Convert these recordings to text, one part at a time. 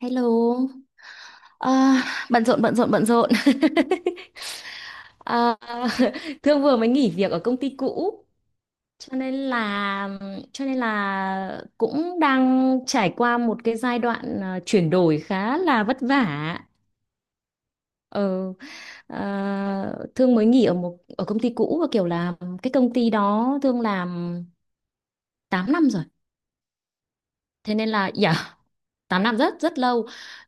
Hello. à, Bận rộn bận rộn bận rộn. à, Thương vừa mới nghỉ việc ở công ty cũ, cho nên là cho nên là cũng đang trải qua một cái giai đoạn chuyển đổi khá là vất vả. Ờ, Thương mới nghỉ ở một ở công ty cũ và kiểu là cái công ty đó Thương làm 8 năm rồi. Thế nên là yeah, 8 năm rất rất lâu,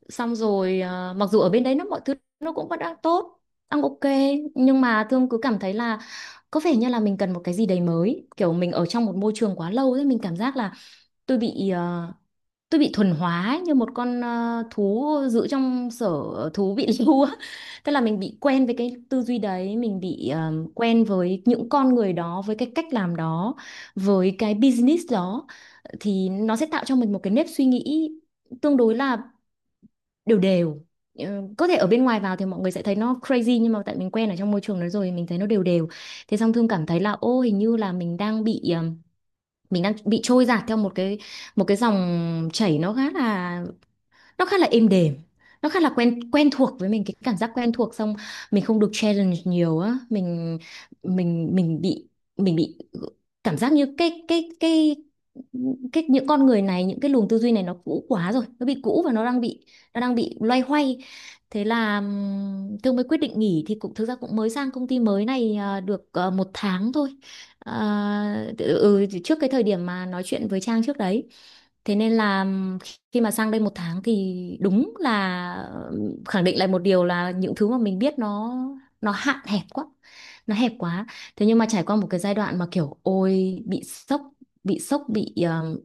xong rồi à, mặc dù ở bên đấy nó mọi thứ nó cũng vẫn đang tốt, đang ok, nhưng mà Thương cứ cảm thấy là có vẻ như là mình cần một cái gì đấy mới, kiểu mình ở trong một môi trường quá lâu ấy, mình cảm giác là tôi bị tôi bị thuần hóa ấy, như một con thú giữ trong sở thú bị lưu á, tức là mình bị quen với cái tư duy đấy, mình bị quen với những con người đó, với cái cách làm đó, với cái business đó, thì nó sẽ tạo cho mình một cái nếp suy nghĩ tương đối là đều đều. Ờ, có thể ở bên ngoài vào thì mọi người sẽ thấy nó crazy, nhưng mà tại mình quen ở trong môi trường đó rồi mình thấy nó đều đều, thế xong Thương cảm thấy là ô hình như là mình đang bị mình đang bị trôi dạt theo một cái dòng chảy nó khá là, nó khá là êm đềm, nó khá là quen quen thuộc với mình, cái cảm giác quen thuộc, xong mình không được challenge nhiều á, mình mình bị mình bị cảm giác như cái những con người này, những cái luồng tư duy này nó cũ quá rồi, nó bị cũ và nó đang bị loay hoay. Thế là Thương mới quyết định nghỉ, thì cũng thực ra cũng mới sang công ty mới này được một tháng thôi. Trước cái thời điểm mà nói chuyện với Trang trước đấy, thế nên là khi mà sang đây một tháng thì đúng là ừ, khẳng định lại một điều là những thứ mà mình biết nó hạn hẹp quá, nó hẹp quá. Thế nhưng mà trải qua một cái giai đoạn mà kiểu ôi bị sốc, bị sốc bị ờ,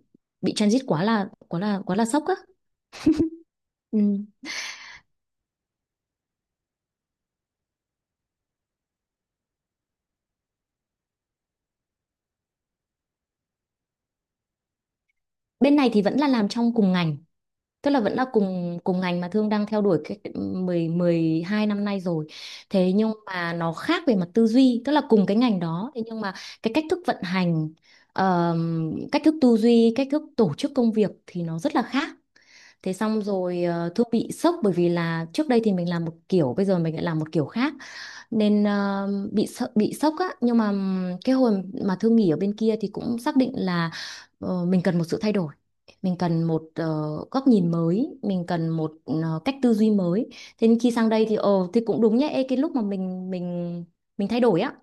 bị transit quá là quá là quá là sốc á. Ừ. Bên này thì vẫn là làm trong cùng ngành, tức là vẫn là cùng cùng ngành mà Thương đang theo đuổi cái 10 12 năm nay rồi. Thế nhưng mà nó khác về mặt tư duy, tức là cùng cái ngành đó, thế nhưng mà cái cách thức vận hành, cách thức tư duy, cách thức tổ chức công việc thì nó rất là khác. Thế xong rồi Thư bị sốc bởi vì là trước đây thì mình làm một kiểu, bây giờ mình lại làm một kiểu khác, nên bị sợ, bị sốc á, nhưng mà cái hồi mà Thư nghỉ ở bên kia thì cũng xác định là ờ, mình cần một sự thay đổi, mình cần một góc nhìn mới, mình cần một cách tư duy mới. Thế nên khi sang đây thì ờ thì cũng đúng nhá. Ê, cái lúc mà mình thay đổi á,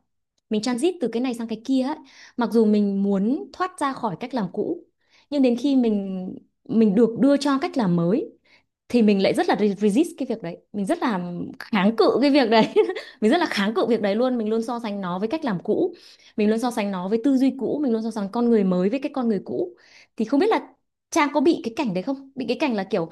mình transit từ cái này sang cái kia ấy, mặc dù mình muốn thoát ra khỏi cách làm cũ, nhưng đến khi mình được đưa cho cách làm mới thì mình lại rất là resist cái việc đấy, mình rất là kháng cự cái việc đấy mình rất là kháng cự việc đấy luôn, mình luôn so sánh nó với cách làm cũ, mình luôn so sánh nó với tư duy cũ, mình luôn so sánh con người mới với cái con người cũ, thì không biết là Trang có bị cái cảnh đấy không, bị cái cảnh là kiểu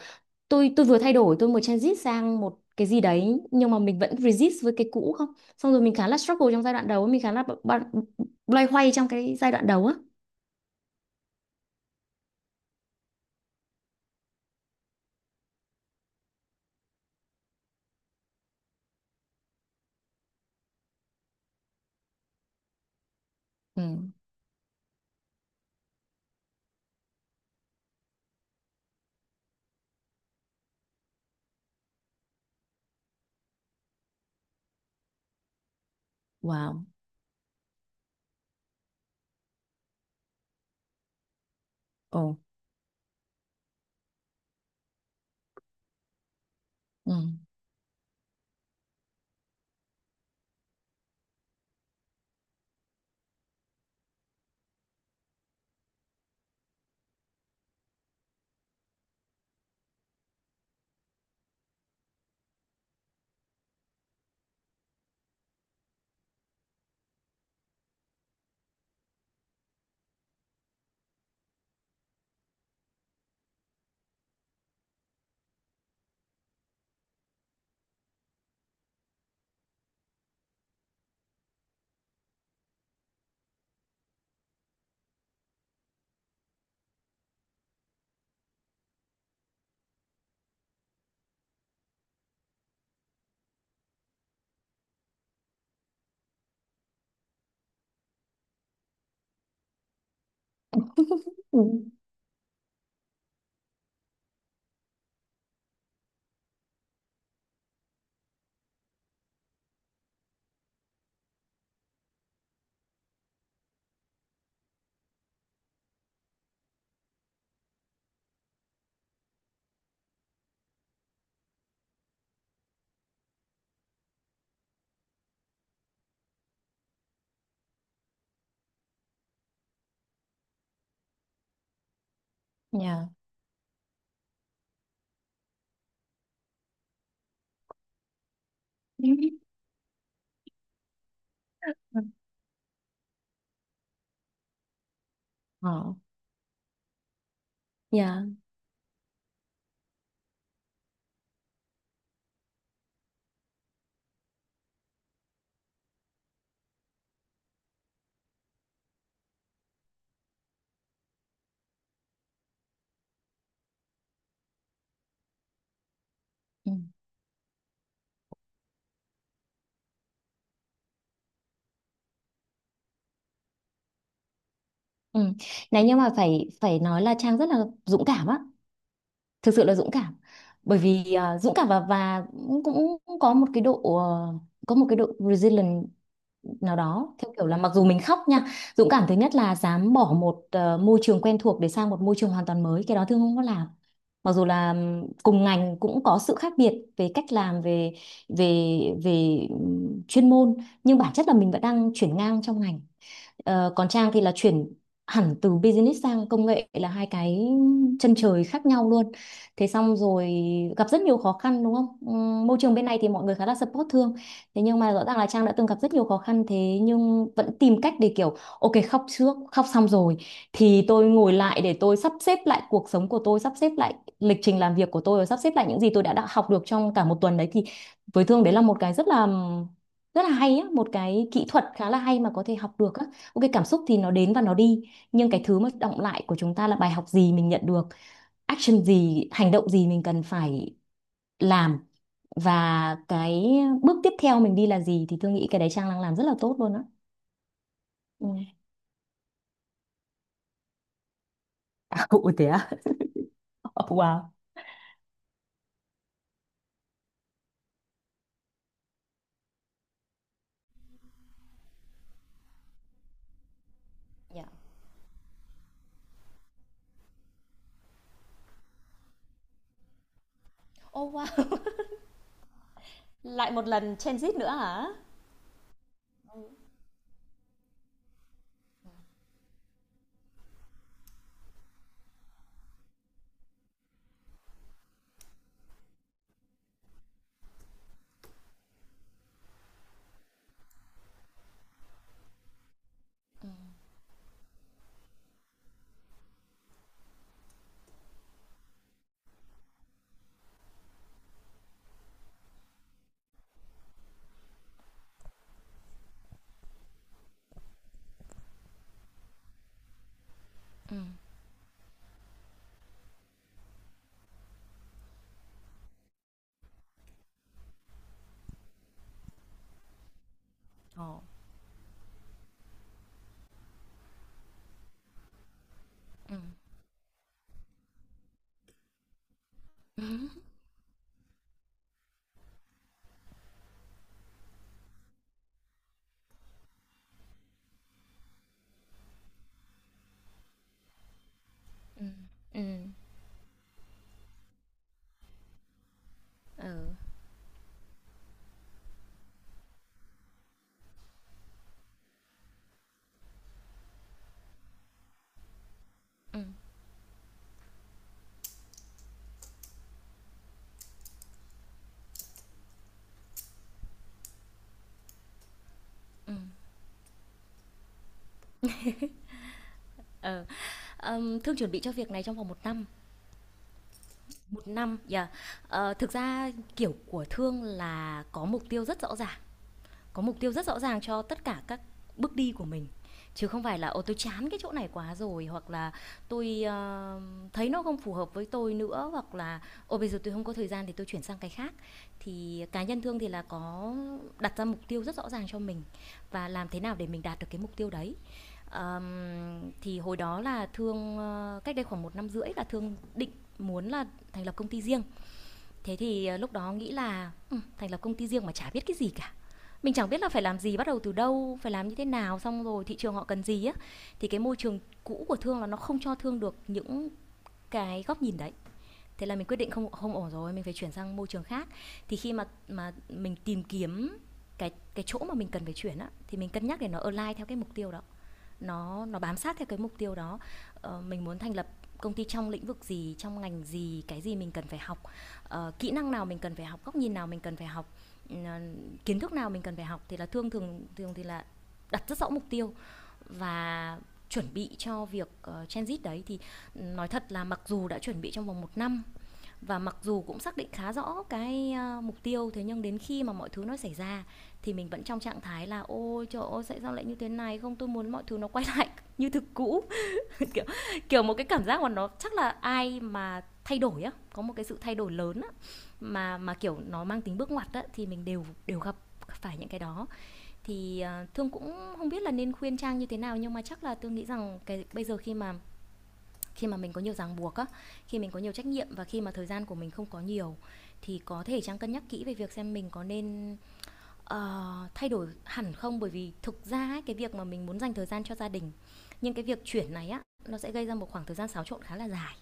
tôi vừa thay đổi, tôi vừa transit sang một cái gì đấy nhưng mà mình vẫn resist với cái cũ không, xong rồi mình khá là struggle trong giai đoạn đầu, mình khá là loay hoay trong cái giai đoạn đầu á. Ừ. Wow. Ồ. Ừ. Ừ. Yeah. Ừ. Ờ, yeah. Ừ. Ừ. Này nhưng mà phải phải nói là Trang rất là dũng cảm á, thực sự là dũng cảm. Bởi vì à, dũng cảm và cũng cũng có một cái độ có một cái độ resilient nào đó, theo kiểu là mặc dù mình khóc nha, dũng cảm thứ nhất là dám bỏ một môi trường quen thuộc để sang một môi trường hoàn toàn mới, cái đó Thương không có làm. Mặc dù là cùng ngành cũng có sự khác biệt về cách làm, về về về chuyên môn, nhưng bản chất là mình vẫn đang chuyển ngang trong ngành. Ờ, còn Trang thì là chuyển hẳn từ business sang công nghệ, là hai cái chân trời khác nhau luôn. Thế xong rồi gặp rất nhiều khó khăn đúng không? Môi trường bên này thì mọi người khá là support Thương. Thế nhưng mà rõ ràng là Trang đã từng gặp rất nhiều khó khăn, thế nhưng vẫn tìm cách để kiểu ok khóc trước, khóc xong rồi thì tôi ngồi lại để tôi sắp xếp lại cuộc sống của tôi, sắp xếp lại lịch trình làm việc của tôi và sắp xếp lại những gì tôi đã học được trong cả một tuần đấy, thì với Thương đấy là một cái rất là, rất là hay á, một cái kỹ thuật khá là hay mà có thể học được á. Ok, cảm xúc thì nó đến và nó đi, nhưng cái thứ mà đọng lại của chúng ta là bài học gì mình nhận được, action gì, hành động gì mình cần phải làm, và cái bước tiếp theo mình đi là gì, thì tôi nghĩ cái đấy Trang đang làm rất là tốt luôn á. Ừ. À, ủa thế á? Wow. Ô quá. Ừ. Ồ. Ừ. Ừ. Ừ. Ừ. Ừ. Ờ, Thương chuẩn bị cho việc này trong vòng một năm, một năm yeah. Ờ, thực ra kiểu của Thương là có mục tiêu rất rõ ràng, có mục tiêu rất rõ ràng cho tất cả các bước đi của mình, chứ không phải là ô tôi chán cái chỗ này quá rồi, hoặc là tôi ờ, thấy nó không phù hợp với tôi nữa, hoặc là ô bây giờ tôi không có thời gian thì tôi chuyển sang cái khác. Thì cá nhân Thương thì là có đặt ra mục tiêu rất rõ ràng cho mình, và làm thế nào để mình đạt được cái mục tiêu đấy. Thì hồi đó là Thương ờ, cách đây khoảng một năm rưỡi là Thương định muốn là thành lập công ty riêng. Thế thì ờ, lúc đó nghĩ là ừ, thành lập công ty riêng mà chả biết cái gì cả, mình chẳng biết là phải làm gì, bắt đầu từ đâu, phải làm như thế nào, xong rồi thị trường họ cần gì á, thì cái môi trường cũ của Thương là nó không cho Thương được những cái góc nhìn đấy, thế là mình quyết định không, không ổn rồi, mình phải chuyển sang môi trường khác. Thì khi mà mình tìm kiếm cái chỗ mà mình cần phải chuyển á, thì mình cân nhắc để nó align theo cái mục tiêu đó, nó bám sát theo cái mục tiêu đó. Ờ, mình muốn thành lập công ty trong lĩnh vực gì, trong ngành gì, cái gì mình cần phải học, ờ, kỹ năng nào mình cần phải học, góc nhìn nào mình cần phải học, ừ, ờ, kiến thức nào mình cần phải học, thì là thường thường thường thì là đặt rất rõ mục tiêu và chuẩn bị cho việc transit đấy. Thì ừ, nói thật là mặc dù đã chuẩn bị trong vòng một năm và mặc dù cũng xác định khá rõ cái mục tiêu, thế nhưng đến khi mà mọi thứ nó xảy ra thì mình vẫn trong trạng thái là ôi trời ơi tại sao lại như thế này, không tôi muốn mọi thứ nó quay lại như thực cũ. Kiểu, kiểu một cái cảm giác mà nó chắc là ai mà thay đổi á, có một cái sự thay đổi lớn á, mà kiểu nó mang tính bước ngoặt á, thì mình đều đều gặp phải những cái đó. Thì à, Thương cũng không biết là nên khuyên Trang như thế nào, nhưng mà chắc là tôi nghĩ rằng cái bây giờ khi mà mình có nhiều ràng buộc á, khi mình có nhiều trách nhiệm và khi mà thời gian của mình không có nhiều, thì có thể Trang cân nhắc kỹ về việc xem mình có nên ờ, thay đổi hẳn không. Bởi vì thực ra ấy, cái việc mà mình muốn dành thời gian cho gia đình, nhưng cái việc chuyển này á, nó sẽ gây ra một khoảng thời gian xáo trộn khá là dài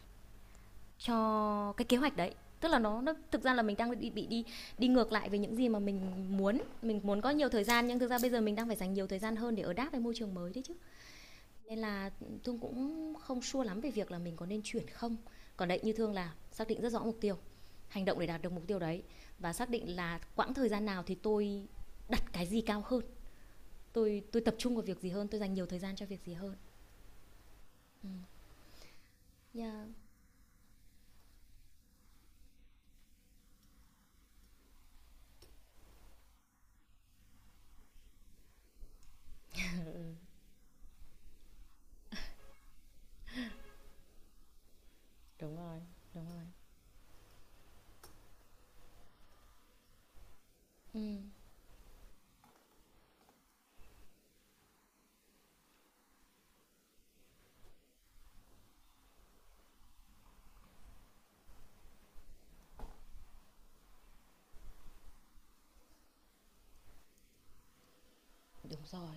cho cái kế hoạch đấy. Tức là nó thực ra là mình đang bị đi, đi ngược lại với những gì mà mình muốn, mình muốn có nhiều thời gian nhưng thực ra bây giờ mình đang phải dành nhiều thời gian hơn để ở đáp với môi trường mới đấy chứ, nên là Thương cũng không sure lắm về việc là mình có nên chuyển không. Còn đấy, như Thương là xác định rất rõ mục tiêu, hành động để đạt được mục tiêu đấy, và xác định là quãng thời gian nào thì tôi đặt cái gì cao hơn, tôi tập trung vào việc gì hơn, tôi dành nhiều thời gian cho việc gì hơn. Yeah. Đúng rồi, đúng rồi. Đúng rồi.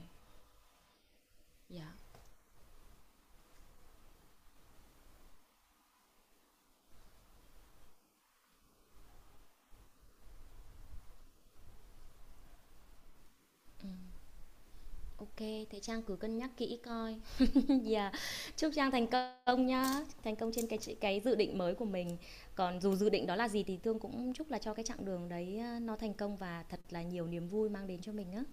Dạ. Yeah. Ok, thế Trang cứ cân nhắc kỹ coi. Dạ, chúc Trang thành công nhá, thành công trên cái dự định mới của mình. Còn dù dự định đó là gì thì Thương cũng chúc là cho cái chặng đường đấy, ờ, nó thành công và thật là nhiều niềm vui mang đến cho mình á.